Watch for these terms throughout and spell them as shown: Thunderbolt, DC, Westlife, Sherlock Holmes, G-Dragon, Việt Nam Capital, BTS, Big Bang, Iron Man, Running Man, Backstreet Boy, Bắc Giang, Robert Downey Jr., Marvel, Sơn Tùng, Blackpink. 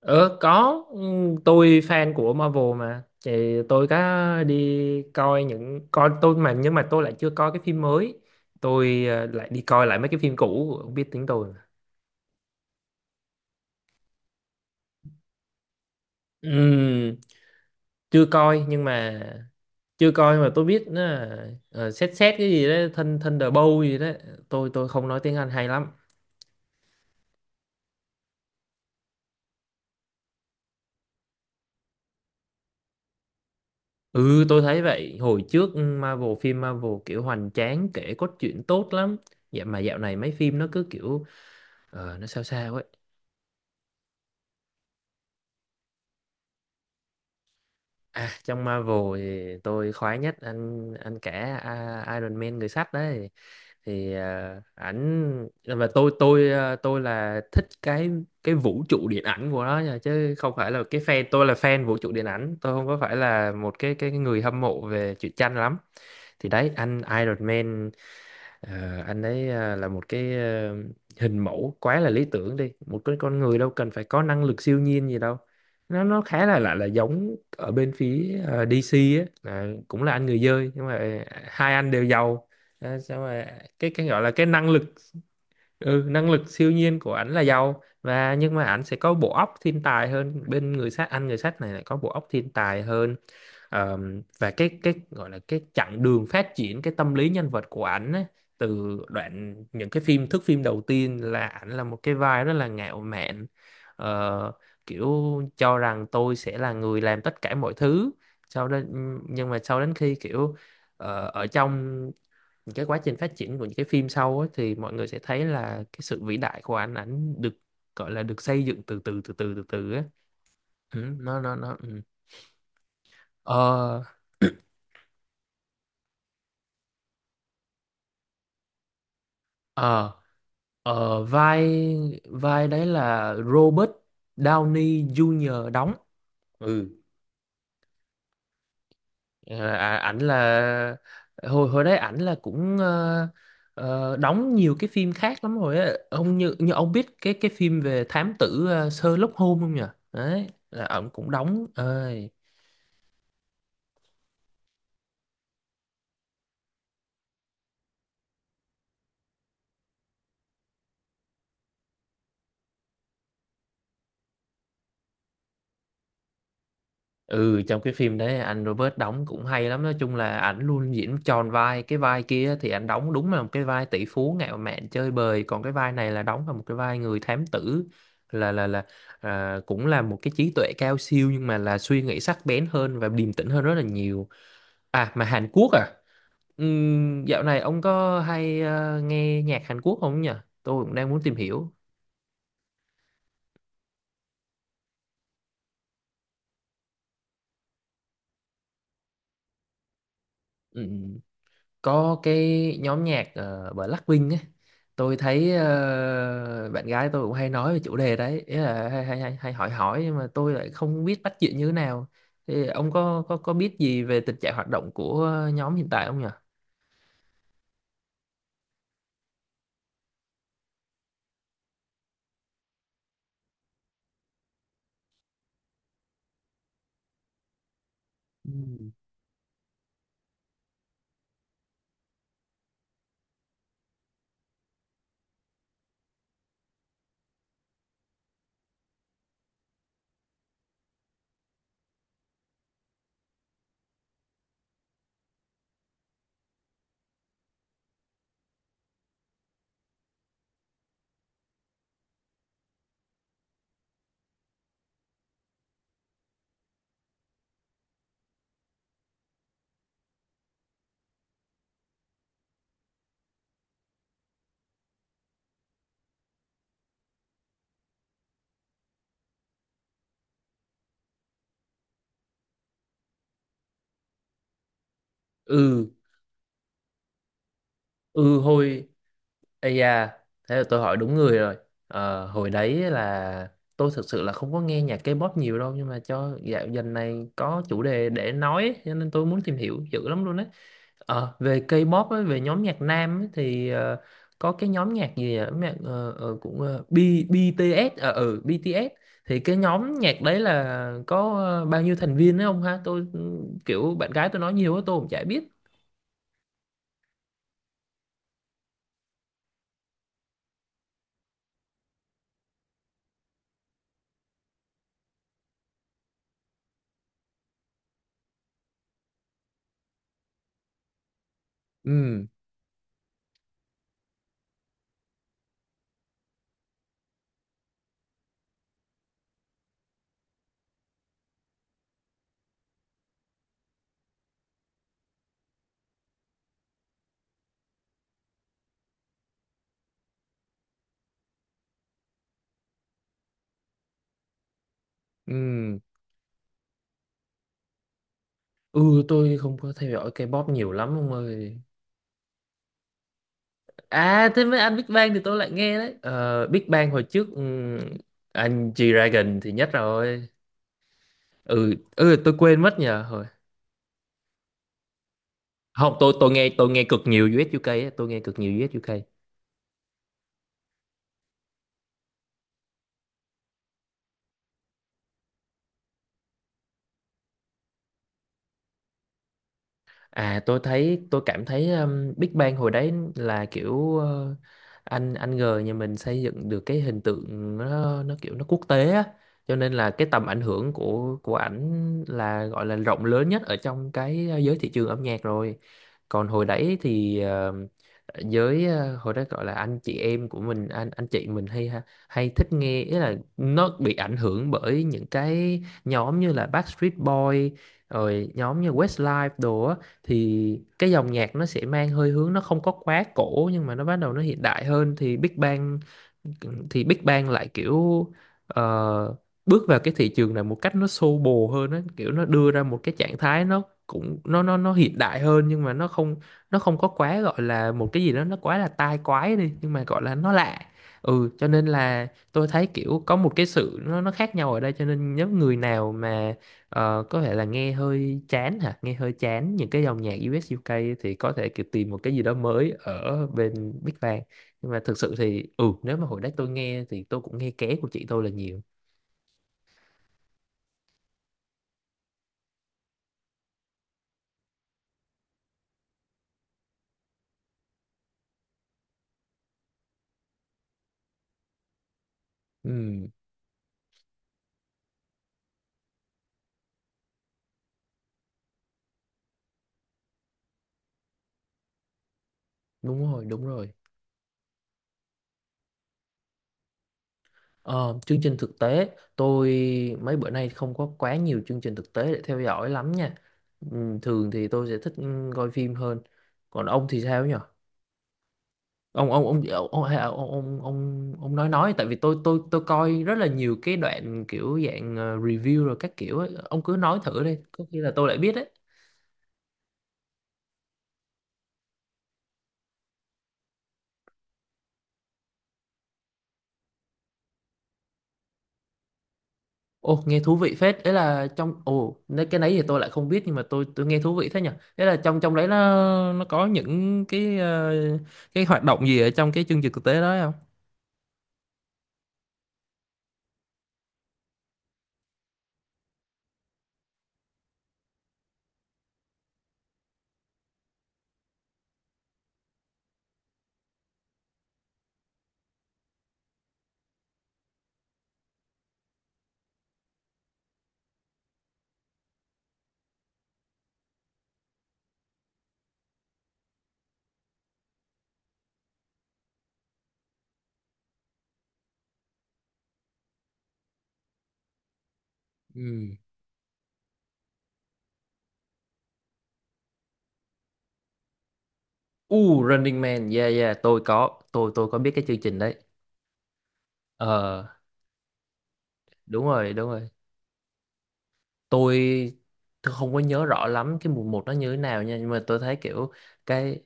Ờ, có. Ừ, tôi fan của Marvel mà, thì tôi có đi coi những coi tôi mà, nhưng mà tôi lại chưa coi cái phim mới. Tôi lại đi coi lại mấy cái phim cũ, không biết tiếng tôi. Ừm, chưa coi nhưng mà Chưa coi nhưng mà tôi biết nó là, xét xét cái gì đó thân thân Thunderbolt gì đó. Tôi không nói tiếng Anh hay lắm. Ừ, tôi thấy vậy. Hồi trước Marvel, phim Marvel kiểu hoành tráng, kể cốt truyện tốt lắm. Vậy mà dạo này mấy phim nó cứ kiểu nó sao sao ấy. À, trong Marvel thì tôi khoái nhất anh Iron Man, người sắt đấy. Thì ảnh và tôi thích cái vũ trụ điện ảnh của nó nha, chứ không phải là cái fan. Tôi là fan vũ trụ điện ảnh, tôi không có phải là một cái người hâm mộ về truyện tranh lắm. Thì đấy, anh Iron Man. Anh ấy là một cái hình mẫu quá là lý tưởng đi, một cái con người đâu cần phải có năng lực siêu nhiên gì đâu. Nó khá là lại là giống ở bên phía DC á, là cũng là anh người dơi, nhưng mà hai anh đều giàu. Xong rồi, cái gọi là cái năng lực siêu nhiên của ảnh là giàu, và nhưng mà ảnh sẽ có bộ óc thiên tài hơn bên người sát, anh người sắt này lại có bộ óc thiên tài hơn. Ờ, và cái gọi là cái chặng đường phát triển cái tâm lý nhân vật của ảnh á, từ đoạn những cái phim thước phim đầu tiên là ảnh là một cái vai rất là ngạo mạn. Ờ, Kiểu cho rằng tôi sẽ là người làm tất cả mọi thứ sau đó. Nhưng mà sau đến khi kiểu ở trong những cái quá trình phát triển của những cái phim sau á, thì mọi người sẽ thấy là cái sự vĩ đại của ảnh, được gọi là được xây dựng từ từ từ từ từ từ á. Ừ, nó, ừ. Ờ, Ờ, ờ, vai vai đấy là Robert Downey Jr. đóng. Ừ. Ờ, À, ảnh là hồi hồi đấy ảnh là cũng đóng nhiều cái phim khác lắm rồi á. Ông như như ông biết cái phim về thám tử Sherlock Holmes không nhỉ? Đấy, là ông cũng đóng. Ờ, Ừ, trong cái phim đấy anh Robert đóng cũng hay lắm, nói chung là ảnh luôn diễn tròn vai, cái vai kia thì ảnh đóng đúng là một cái vai tỷ phú ngạo mạn chơi bời, còn cái vai này là đóng là một cái vai người thám tử, là là là cũng là một cái trí tuệ cao siêu, nhưng mà là suy nghĩ sắc bén hơn và điềm tĩnh hơn rất là nhiều. À, mà Hàn Quốc à? Dạo này ông có hay nghe nhạc Hàn Quốc không nhỉ? Tôi cũng đang muốn tìm hiểu. Ừ. Có cái nhóm nhạc Blackpink ấy. Tôi thấy bạn gái tôi cũng hay nói về chủ đề đấy, ý là hay hỏi hỏi, nhưng mà tôi lại không biết bắt chuyện như thế nào. Thì ông có biết gì về tình trạng hoạt động của nhóm hiện tại không nhỉ? Ừ. Ừ, ừ. Ây da, thế là tôi hỏi đúng người rồi. Hồi đấy là tôi thực sự là không có nghe nhạc K-pop nhiều đâu, nhưng mà cho dần này có chủ đề để nói ấy, cho nên tôi muốn tìm hiểu dữ lắm luôn đấy. Về K-pop ấy, về nhóm nhạc nam ấy, thì có cái nhóm nhạc gì ở nhạc cũng BTS BTS, thì cái nhóm nhạc đấy là có bao nhiêu thành viên đấy không ha? Tôi kiểu bạn gái tôi nói nhiều quá tôi cũng chả biết. Ừ, ừ, ừ, tôi không có theo dõi K-pop nhiều lắm ông ơi. À thế mấy anh Big Bang thì tôi lại nghe đấy. Ờ, Big Bang hồi trước, anh G-Dragon thì nhất rồi. Ừ, ừ, tôi quên mất nhờ. Không, tôi nghe cực nhiều US UK á, tôi nghe cực nhiều US UK. À, tôi thấy tôi cảm thấy Big Bang hồi đấy là kiểu anh G nhà mình xây dựng được cái hình tượng, nó kiểu nó quốc tế á, cho nên là cái tầm ảnh hưởng của ảnh là gọi là rộng lớn nhất ở trong cái giới thị trường âm nhạc rồi. Còn hồi đấy thì hồi đó gọi là anh chị em của mình, anh chị mình hay hay thích nghe, ý là nó bị ảnh hưởng bởi những cái nhóm như là Backstreet Boy, rồi nhóm như Westlife đồ á. Thì cái dòng nhạc nó sẽ mang hơi hướng, nó không có quá cổ nhưng mà nó bắt đầu nó hiện đại hơn. Thì Big Bang lại kiểu ờ, bước vào cái thị trường này một cách nó xô bồ hơn á, kiểu nó đưa ra một cái trạng thái nó cũng, nó hiện đại hơn, nhưng mà nó không có quá gọi là một cái gì đó nó quá là tai quái đi, nhưng mà gọi là nó lạ. Ừ, cho nên là tôi thấy kiểu có một cái sự, nó khác nhau ở đây, cho nên nếu người nào mà có thể là nghe hơi chán những cái dòng nhạc US UK, thì có thể kiểu tìm một cái gì đó mới ở bên Big Bang. Nhưng mà thực sự thì, ừ, nếu mà hồi đấy tôi nghe thì tôi cũng nghe ké của chị tôi là nhiều. Ừ, đúng rồi, đúng rồi. Ờ, Chương trình thực tế, tôi mấy bữa nay không có quá nhiều chương trình thực tế để theo dõi lắm nha. Thường thì tôi sẽ thích coi phim hơn. Còn ông thì sao nhỉ? Ông ông ông ông hay ông nói Tại vì tôi coi rất là nhiều cái đoạn kiểu dạng review rồi các kiểu ấy. Ông cứ nói thử đi có khi là tôi lại biết đấy. Ồ, nghe thú vị phết. Đấy là trong ồ, Nếu cái đấy thì tôi lại không biết, nhưng mà tôi nghe thú vị thế nhỉ. Đấy là trong Trong đấy nó có những cái cái hoạt động gì ở trong cái chương trình thực tế đó không? Ừ. Running Man, yeah, yeah, tôi có, tôi có biết cái chương trình đấy. Ờ, Đúng rồi, đúng rồi. Tôi tôi không có nhớ rõ lắm cái mùa 1 nó như thế nào nha, nhưng mà tôi thấy kiểu cái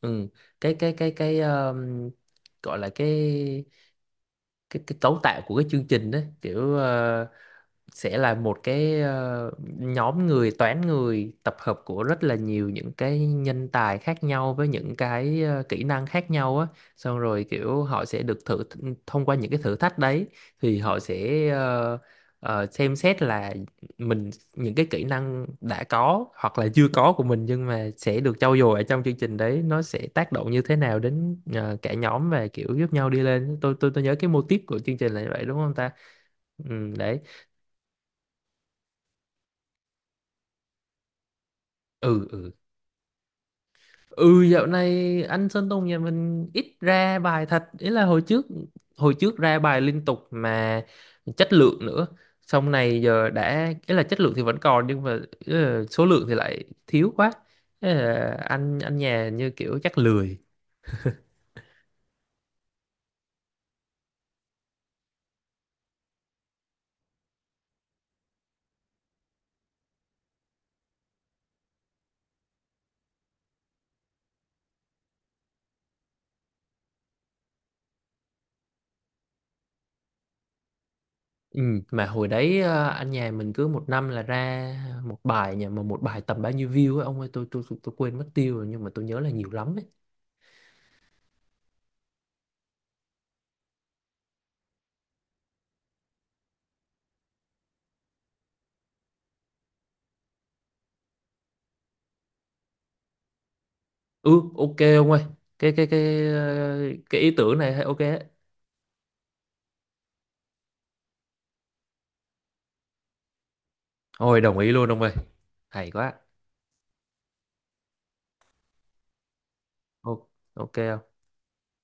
ừ, cái gọi là cái cấu tạo của cái chương trình đấy, kiểu sẽ là một cái nhóm người, toán người tập hợp của rất là nhiều những cái nhân tài khác nhau với những cái kỹ năng khác nhau á, xong rồi kiểu họ sẽ được thông qua những cái thử thách đấy, thì họ sẽ xem xét là mình, những cái kỹ năng đã có hoặc là chưa có của mình nhưng mà sẽ được trau dồi ở trong chương trình đấy, nó sẽ tác động như thế nào đến cả nhóm và kiểu giúp nhau đi lên. Tôi nhớ cái mô típ của chương trình là như vậy đúng không ta? Ừ, đấy. Ừ, ừ. Ừ, dạo này anh Sơn Tùng nhà mình ít ra bài thật, ý là hồi trước ra bài liên tục mà chất lượng nữa. Xong này giờ đã, ý là chất lượng thì vẫn còn nhưng mà ý là số lượng thì lại thiếu quá. Ý là anh nhà như kiểu chắc lười. ừ, mà hồi đấy anh nhà mình cứ một năm là ra một bài, mà một bài tầm bao nhiêu view ấy ông ơi, tôi quên mất tiêu rồi nhưng mà tôi nhớ là nhiều lắm ấy. Ừ, ok ông ơi. cái cái cái ờ, cái ý tưởng này hay. Ok. Ôi đồng ý luôn ông ơi. Hay quá. Ô- Ok.